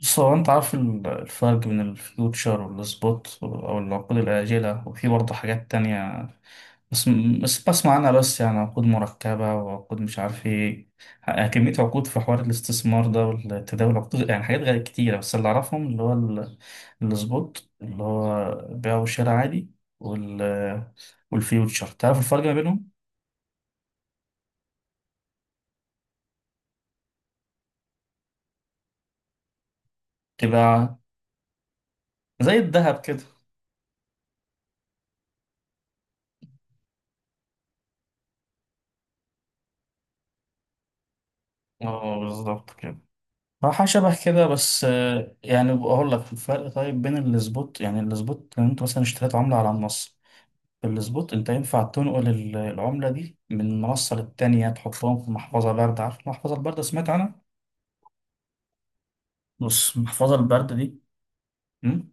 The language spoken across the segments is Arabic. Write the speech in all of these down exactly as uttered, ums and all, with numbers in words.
بص هو انت عارف ال- الفرق بين الفيوتشر والسبوت او العقود الآجلة، وفي برضه حاجات تانية. بس بس بسمع عنها، بس يعني عقود مركبة وعقود مش عارف ايه. ح- كمية عقود في حوار الاستثمار ده والتداول، عقود يعني حاجات غير كتيرة. بس اللي أعرفهم اللي هو ال- السبوت اللي هو بيع وشراء عادي، وال والفيوتشر. تعرف الفرق ما بينهم؟ تبقى زي الذهب كده. اه بالظبط كده. راحة شبه كده. بس آه، يعني بقول لك الفرق طيب بين السبوت. يعني السبوت لو انت مثلا اشتريت عملة على النص، في السبوت انت ينفع تنقل ال- العملة دي من منصة للتانية، تحطهم في محفظة باردة. عارف المحفظة الباردة؟ سمعت عنها؟ بص المحفظة الباردة دي، مم؟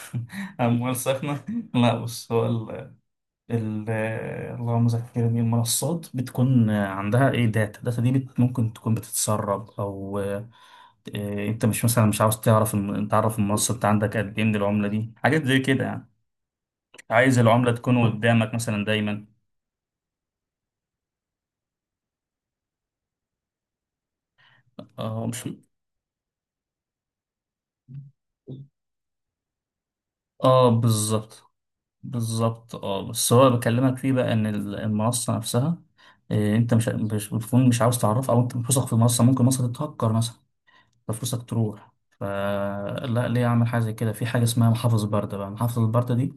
أموال سخنة. لا بص هو ال- اللهم ذكرني، المنصات بتكون عندها ايه؟ داتا. الداتا دي بت ممكن تكون بتتسرب او آه، آه، انت مش مثلا مش عاوز تعرف الم- تعرف المنصه انت عندك قد ايه من العمله دي، حاجات زي كده يعني. عايز العمله تكون قدامك مثلا دايما. اه مش اه بالظبط. بالظبط. اه بس هو بكلمك فيه بقى ان ال- المنصه نفسها آه، انت مش مش بتكون، مش عاوز تعرفها، او انت مش واثق في المنصه. ممكن المنصه تتهكر مثلا ففلوسك تروح. فلا، ليه اعمل حاجه زي كده؟ في حاجه اسمها محافظ برده بقى. محافظ البرده دي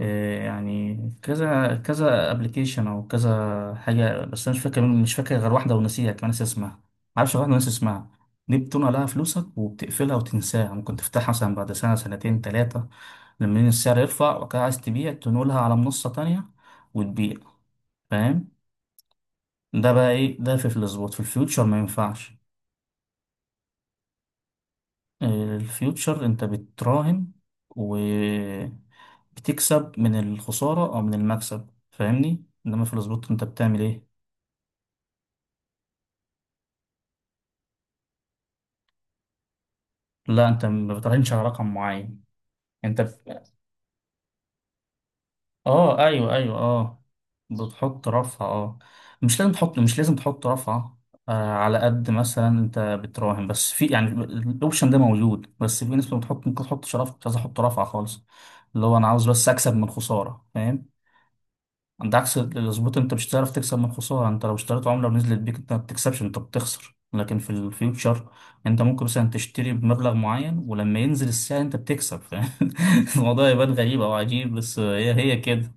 آه، يعني كذا كذا ابلكيشن او كذا حاجه، بس انا مش فاكر. مش فاكر غير واحده ونسيها كمان، ناسي اسمها. معرفش غير واحده وناسي اسمها. دي بتنقل لها فلوسك وبتقفلها وتنساها. ممكن تفتحها مثلا بعد سنه، سنتين، ثلاثه، لما السعر يرفع وكده عايز تبيع، تنقلها على منصه تانية وتبيع. فاهم. ده بقى ايه؟ ده في الظبط في الفيوتشر ما ينفعش. الفيوتشر انت بتراهن وبتكسب من الخسارة او من المكسب، فاهمني؟ انما في السبوت انت بتعمل ايه؟ لا انت ما بتراهنش على رقم معين، انت ب... اه ايوه ايوه اه. بتحط رفعة اه. مش لازم تحط مش لازم تحط رفعة آه على قد مثلا انت بتراهن. بس في يعني الاوبشن ده موجود. بس في ناس بتحط، ممكن تحط. شرف مش عايز احط رفعة خالص، اللي هو انا عاوز بس اكسب من الخسارة، فاهم؟ انت عكس الظبط، انت مش هتعرف تكسب من الخساره. انت لو اشتريت عمله ونزلت بيك انت ما بتكسبش، انت بتخسر. لكن في الفيوتشر انت ممكن مثلا تشتري بمبلغ معين، ولما ينزل السعر انت بتكسب، فاهم؟ الموضوع يبان غريب او عجيب، بس هي هي كده.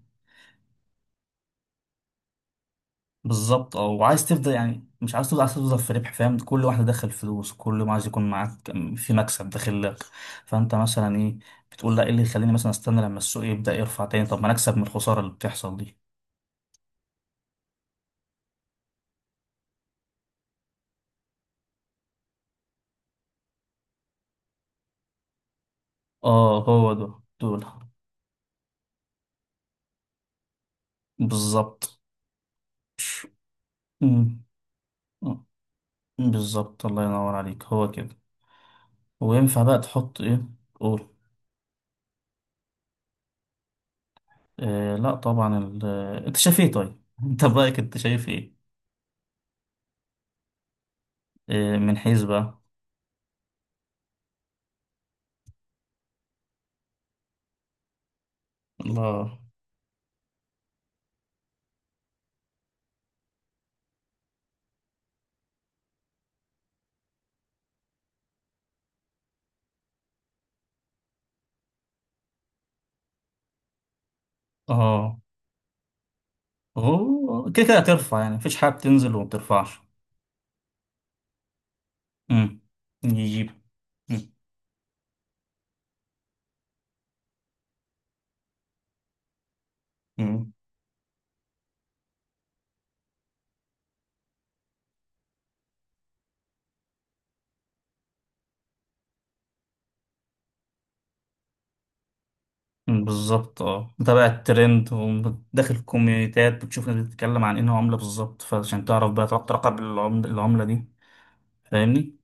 بالظبط اه. وعايز تفضل يعني، مش عايز تفضل، عايز تفضل في ربح، فاهم؟ كل واحده دخل فلوس كل ما عايز يكون معاك، في مكسب داخل لك. فانت مثلا ايه، بتقول لا، ايه اللي يخليني مثلا استنى لما السوق يبدا يرفع تاني؟ طب ما انا اكسب من الخساره اللي بتحصل دي. اه هو ده، دول بالظبط. مم. مم. بالظبط، الله ينور عليك، هو كده. وينفع بقى تحط ايه؟ قول. آه لا طبعا ال- آه، انت شايف ايه طيب؟ انت برايك انت شايف ايه؟ آه من حيث بقى. الله. اه هو كده كده هترفع، يعني مفيش حاجه بتنزل وما بترفعش. مم. يجيب. مم. مم. بالظبط اه. متابع الترند وداخل الكوميونيتات، بتشوف ناس بتتكلم عن انه عمله بالظبط، فعشان تعرف بقى تعرف تراقب العمله العملة دي. فاهمني.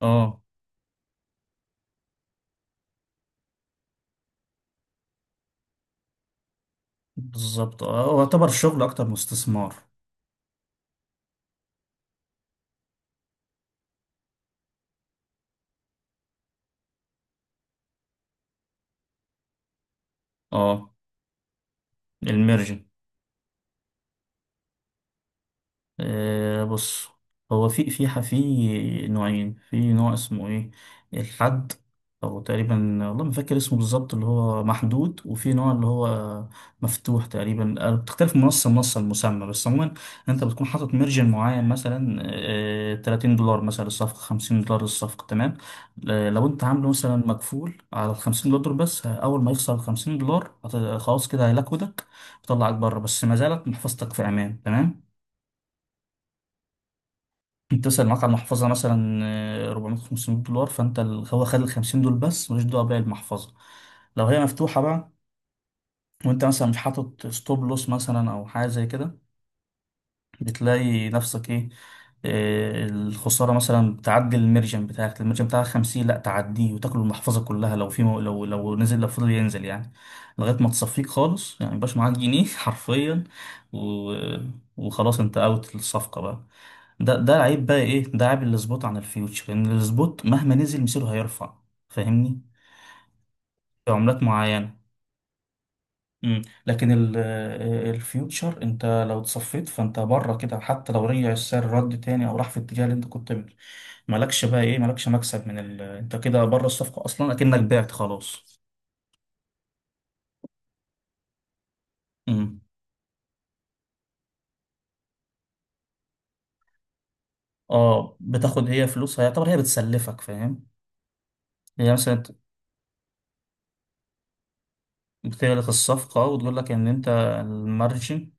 اه بالظبط. اه، هو يعتبر الشغل اكتر من استثمار. اه الميرج. آه بص، هو في في ح- في نوعين. في نوع اسمه ايه، الحد او تقريبا، والله ما فاكر اسمه بالظبط، اللي هو محدود، وفي نوع اللي هو مفتوح تقريبا. آه، بتختلف من منصه لمنصه المسمى، بس عموما انت بتكون حاطط مارجن معين مثلا آه، ثلاثين دولار مثلا الصفقه، خمسين دولار الصفقه تمام. آه، لو انت عامله مثلا مكفول على ال خمسين دولار بس، اول ما يخسر ال خمسين دولار هت- خلاص كده هيلاكودك ويطلعك بره، بس ما زالت محفظتك في امان تمام. بتوصل معاك على المحفظة مثلا آه، أربعمئة، خمسمية دولار، فانت ال- هو خد ال خمسين دول بس، ملوش دعوة باقي المحفظة. لو هي مفتوحة بقى وانت مثلا مش حاطط ستوب لوس مثلا او حاجة زي كده، بتلاقي نفسك ايه، آه، الخسارة مثلا بتعدي المرجم بتاعك. المرجم بتاعك خمسين، لا تعديه وتاكل المحفظة كلها. لو في مو، لو لو نزل، لو فضل ينزل يعني لغاية ما تصفيك خالص، يعني مبقاش معاك جنيه حرفيا. و... وخلاص انت اوت الصفقة بقى. ده ده عيب بقى، ايه ده؟ عيب السبوت عن الفيوتشر ان السبوت مهما نزل مصيره هيرفع، فاهمني؟ في عملات معينة. مم. لكن ال- آه، الفيوتشر انت لو اتصفيت فانت بره كده، حتى لو رجع السعر رد تاني او راح في الاتجاه اللي انت كنت بيه، مالكش بقى ايه، مالكش مكسب من ال... انت كده بره الصفقة اصلا، اكنك بعت خلاص. مم. اه بتاخد هي فلوسها، يعتبر هي بتسلفك، فاهم؟ هي مثلا بتغلق الصفقة وتقول لك ان انت، المارجن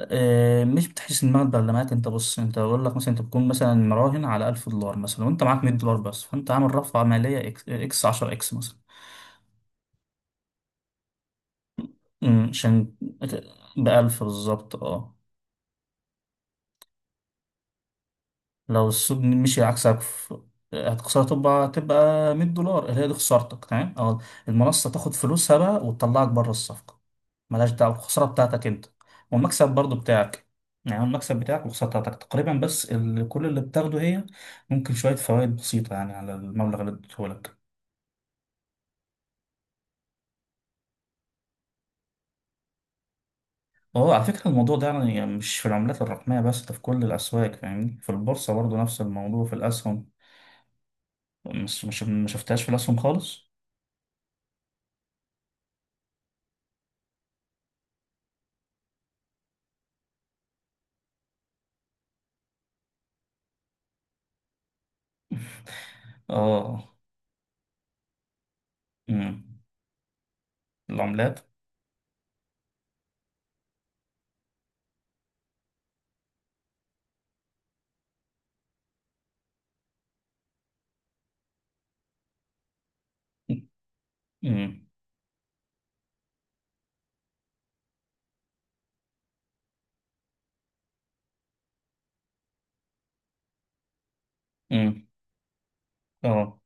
آه، مش بتحس ان المبلغ اللي معاك. انت بص، انت بقول لك مثلا انت بتكون مثلا مراهن على ألف دولار مثلا، وانت معاك مئة دولار بس، فانت عامل رفعه ماليه اكس عشرة اكس مثلا. أمم، عشان بألف بالظبط اه. لو السوق مشي عكسك في، هتخسر، تبقى تبقى مية دولار هي دي خسارتك تمام. او المنصة تاخد فلوسها بقى وتطلعك بره الصفقة، ملهاش دعوة الخسارة بتاعتك انت. والمكسب برضو بتاعك، يعني المكسب بتاعك والخسارة بتاعتك تقريبا. بس ال- كل اللي بتاخده هي ممكن شوية فوائد بسيطة يعني على المبلغ اللي اديتهولك. هو على فكرة الموضوع ده يعني مش في العملات الرقمية بس، ده في كل الأسواق، فاهمني؟ في البورصة برضو نفس الموضوع، في الأسهم. مش مش ما شفتهاش في الأسهم خالص. اه أمم. العملات. أمم. أمم. اه.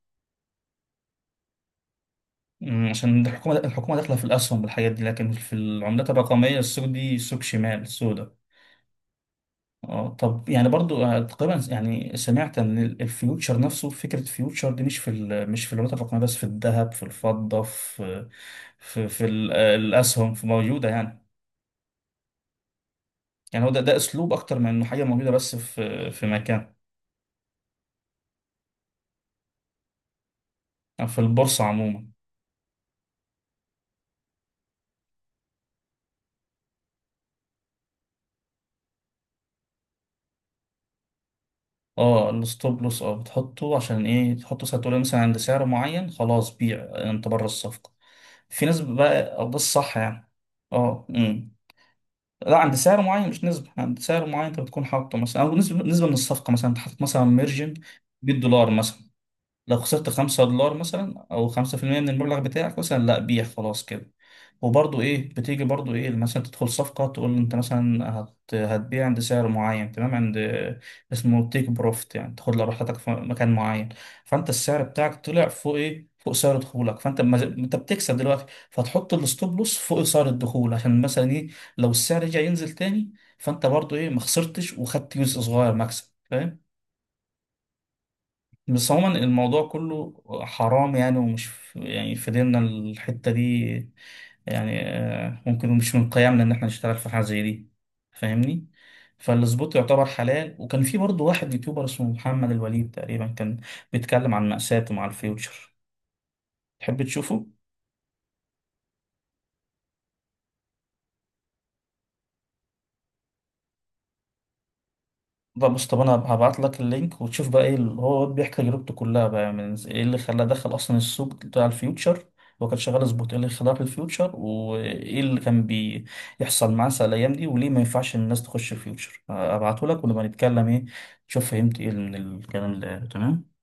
أمم. عشان الحكومة، الحكومة داخلة في الأسهم والحاجات دي، لكن في العملات الرقمية السوق دي سوق شمال السوداء. اه، طب يعني برضو آه، تقريبا يعني سمعت ان ال- الفيوتشر نفسه، فكرة الفيوتشر دي مش في ال- مش في العملات الرقمية بس، في الذهب، في الفضة، في في في ال- آه، الأسهم في، موجودة يعني. يعني هو ده، ده أسلوب أكتر من إنه حاجة موجودة بس في في مكان، أو في البورصة عموما. اه الستوب لوس. اه بتحطه عشان ايه، تحطه ساعة تقول مثلا عند سعر معين خلاص بيع آه، انت بره الصفقة. في ناس بقى، او ده الصح يعني. اه امم. لا عند سعر معين مش نسبة، عند سعر معين انت بتكون حاطه مثلا، او نسبة، نسبة من الصفقة مثلا. انت حاطط مثلا ميرجن مية دولار مثلا، لو خسرت خمسة دولار مثلا أو خمسة في المية من المبلغ بتاعك مثلا، لأ بيع خلاص كده. وبرضه إيه، بتيجي برضه إيه مثلا تدخل صفقة، تقول أنت مثلا هت... هتبيع عند سعر معين تمام، عند، اسمه تيك بروفت، يعني تاخد لراحتك في مكان معين. فأنت السعر بتاعك طلع فوق إيه، فوق سعر دخولك، فأنت ما... أنت بتكسب دلوقتي، فتحط الستوب لوس فوق سعر الدخول عشان مثلا إيه، لو السعر رجع ينزل تاني فأنت برضه إيه، ما خسرتش وخدت جزء صغير مكسب، فاهم؟ بس عموما الموضوع كله حرام يعني، ومش في يعني في ديننا الحتة دي، يعني آه، ممكن مش من قيمنا إن إحنا نشتغل في حاجة زي دي، فاهمني؟ فالسبوت يعتبر حلال. وكان في برضه واحد يوتيوبر اسمه محمد الوليد تقريبا، كان بيتكلم عن مأساته مع الفيوتشر. تحب تشوفه؟ ده بص طب انا هبعت لك اللينك، وتشوف بقى ايه اللي هو بيحكي تجربته كلها بقى، من ايه اللي خلاه دخل اصلا السوق بتاع الفيوتشر. هو كان شغال سبوت، ايه اللي خلاه في الفيوتشر، وايه اللي كان بيحصل معاه ساعة الايام دي، وليه ما ينفعش الناس تخش الفيوتشر. هبعته لك ونبقى نتكلم ايه، تشوف فهمت ايه من الكلام ده، تمام.